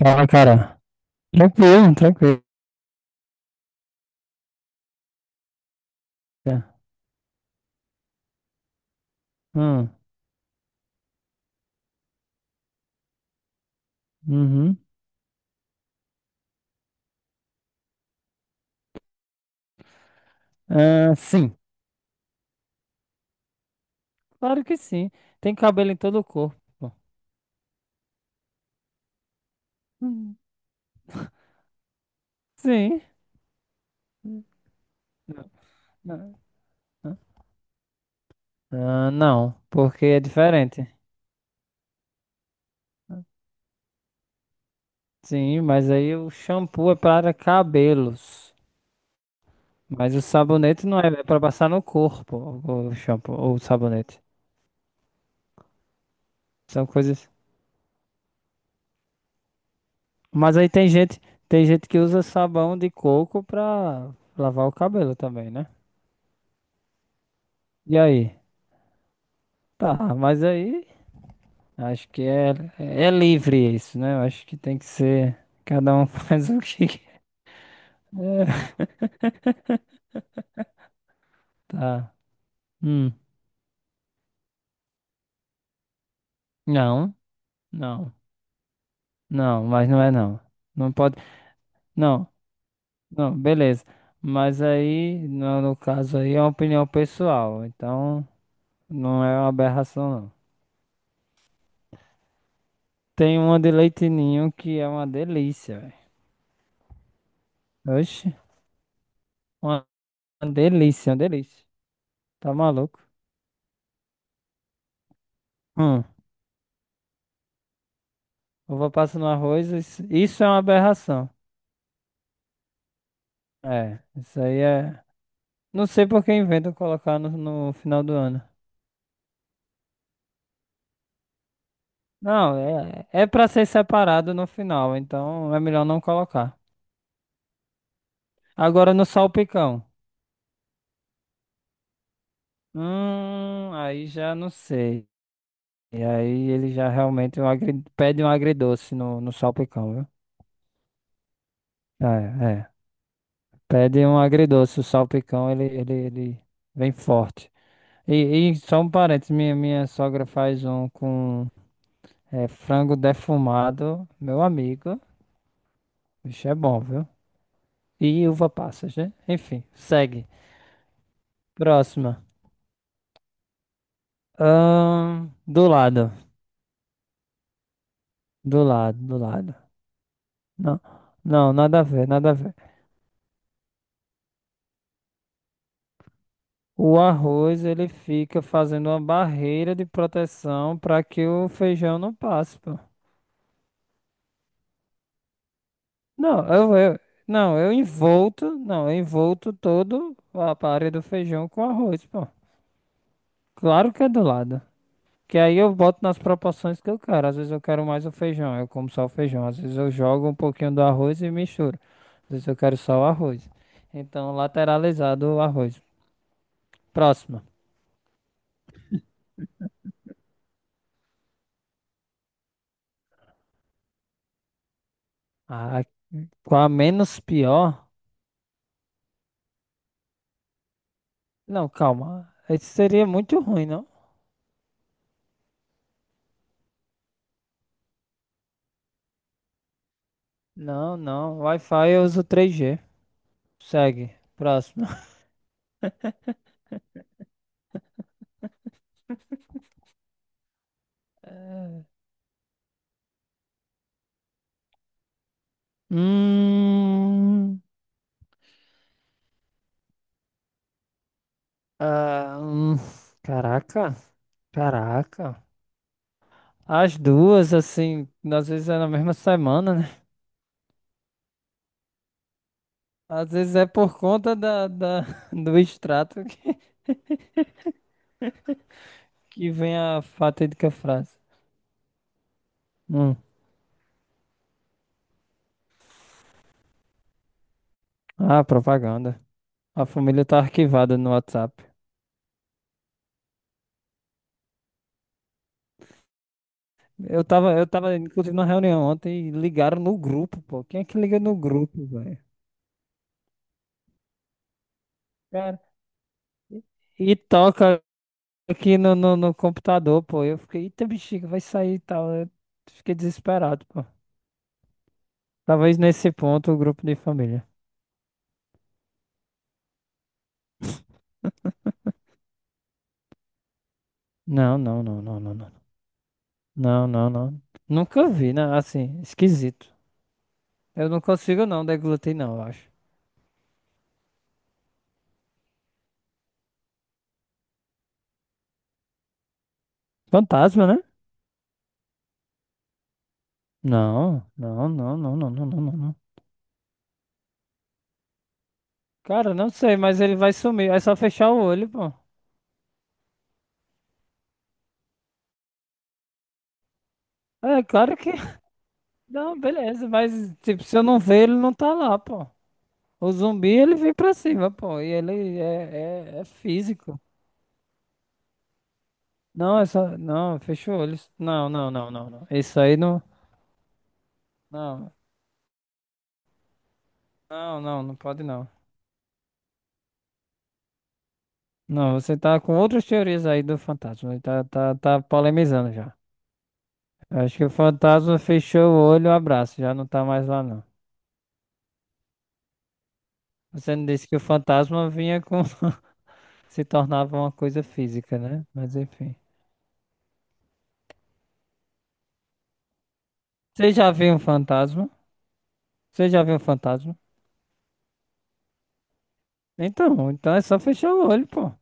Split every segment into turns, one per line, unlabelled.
Fala, cara. Tranquilo, tranquilo. Hum, uhum. Ah, sim, claro que sim. Tem cabelo em todo o corpo, pô. Hum. Sim. Não. Ah, não, porque é diferente. Sim, mas aí o shampoo é para cabelos. Mas o sabonete não é, é para passar no corpo, o shampoo ou o sabonete. São coisas. Mas aí tem gente que usa sabão de coco para lavar o cabelo também, né? E aí? Tá, mas aí Acho que é, é livre isso, né? Eu acho que tem que ser. Cada um faz o que quer. Tá. Hum. Não, não, não, mas não é não. Não pode. Não, não, beleza. Mas aí, no caso aí, é uma opinião pessoal. Então, não é uma aberração, não. Tem uma de leite ninho que é uma delícia, velho. Oxe, uma delícia, uma delícia. Tá maluco? Hum. Uva passa no arroz, isso é uma aberração. É, isso aí é. Não sei por que inventam colocar no final do ano. Não, é, é pra ser separado no final, então é melhor não colocar. Agora no salpicão. Aí já não sei. E aí ele já realmente é pede um agridoce no salpicão, viu? Ah, é, é. Pede um agridoce, o salpicão ele vem forte. E, e só um parênteses, minha sogra faz um com é, frango defumado, meu amigo. Bicho é bom, viu? E uva passas, né? Enfim, segue. Próxima. Do lado. Do lado, do lado. Não, não, nada a ver, nada a ver. O arroz, ele fica fazendo uma barreira de proteção para que o feijão não passe, pô. Não, eu, eu, não, não, eu envolto todo a área do feijão com arroz, pô. Claro que é do lado. Que aí eu boto nas proporções que eu quero. Às vezes eu quero mais o feijão, eu como só o feijão. Às vezes eu jogo um pouquinho do arroz e misturo. Às vezes eu quero só o arroz. Então, lateralizado o arroz. Próxima. Ah, qual a menos pior? Não, calma. Isso seria muito ruim, não? Não, não. Wi-Fi eu uso 3G. Segue. Próximo. É. Hum, ah. Caraca. Caraca. As duas, assim, às vezes é na mesma semana, né? Às vezes é por conta do extrato que vem a fatídica frase. Hum. Ah, propaganda. A família tá arquivada no WhatsApp. Eu tava, inclusive, na reunião ontem e ligaram no grupo, pô. Quem é que liga no grupo, velho? Cara, e e toca aqui no computador, pô. Eu fiquei, eita bexiga, vai sair e tal. Eu fiquei desesperado, pô. Talvez nesse ponto o grupo de família. Não, não, não, não, não, não. Não, não, não. Nunca vi, né? Assim, esquisito. Eu não consigo não deglutir, não, eu acho. Fantasma, né? Não, não, não, não, não, não, não, não, não. Cara, não sei, mas ele vai sumir. É só fechar o olho, pô. É, claro que. Não, beleza, mas, tipo, se eu não ver, ele não tá lá, pô. O zumbi, ele vem pra cima, pô. E ele é, é físico. Não, é só. Não, fecha o olho. Não, não, não, não, não. Isso aí não. Não, não, não, não pode não. Não, você tá com outras teorias aí do fantasma. Tá polemizando já. Acho que o fantasma fechou o olho, abraço, já não tá mais lá não. Você não disse que o fantasma vinha com. Se tornava uma coisa física, né? Mas enfim. Você já viu um fantasma? Você já viu um fantasma? Então é só fechar o olho, pô.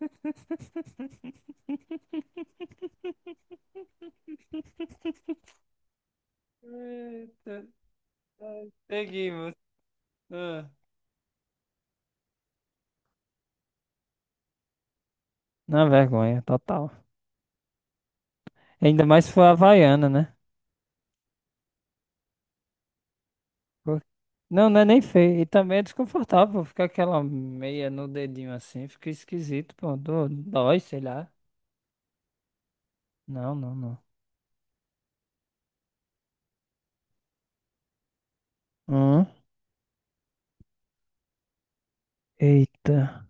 Eita, ai, peguei, ah. Na vergonha, total. Ainda mais se for havaiana, né? Por- não, não é nem feio. E também é desconfortável. Fica aquela meia no dedinho assim. Fica esquisito, pô. Dó- dói, sei lá. Não, não, não. Hum? Eita.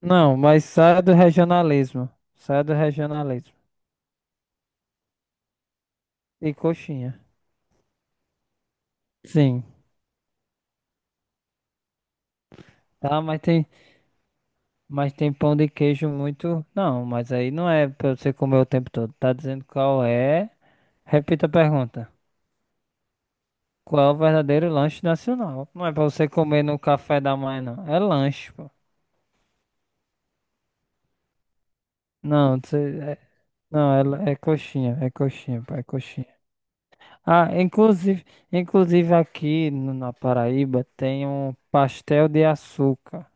Não, mas saia do regionalismo. Saia do regionalismo. E coxinha. Sim. Tá, mas tem pão de queijo muito. Não, mas aí não é pra você comer o tempo todo. Tá dizendo qual é? Repita a pergunta. Qual é o verdadeiro lanche nacional? Não é pra você comer no café da manhã, não. É lanche, pô. Não, você- é, não, é, é coxinha, pô, é coxinha. Ah, inclusive, aqui no- na Paraíba tem um pastel de açúcar.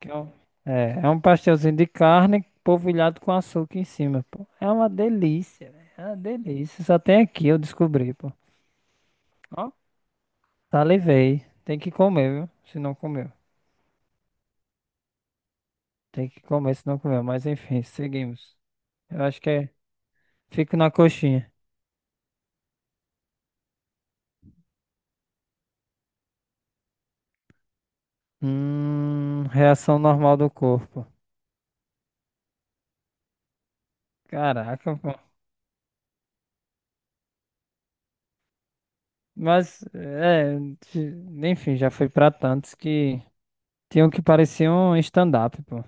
Que é, um, é um pastelzinho de carne polvilhado com açúcar em cima, pô. É uma delícia, velho. É uma delícia. Só tem aqui, eu descobri, pô. Ó, salivei. Tem que comer, viu? Se não comeu. Tem que comer, se não comeu. Mas enfim, seguimos. Eu acho que é. Fico na coxinha. Reação normal do corpo. Caraca, pô. Mas, é. ti- Enfim, já fui pra tantos que tinham que parecer um stand-up, pô.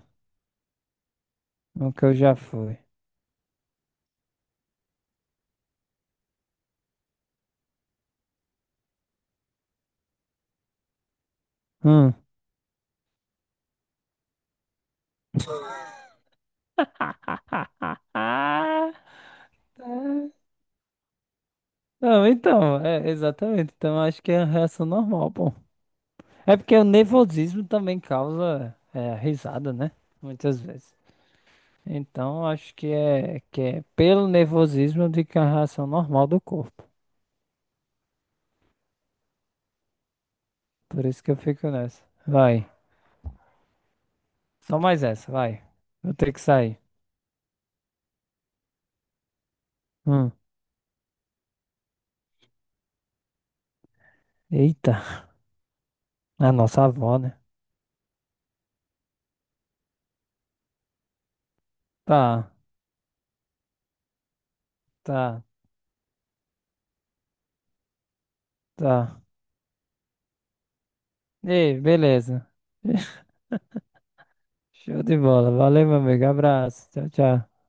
No que eu já fui. Hum. Não, então, é, exatamente. Então, acho que é a reação normal, pô. É porque o nervosismo também causa é, risada, né? Muitas vezes. Então, acho que é pelo nervosismo de que é a reação normal do corpo. Por isso que eu fico nessa. Vai. Só mais essa, vai. Vou ter que sair. Hum. Eita. A nossa avó, né? Tá, tá, tá. Ei, beleza. Show de bola. Valeu, meu amigo. Abraço. Tchau, tchau.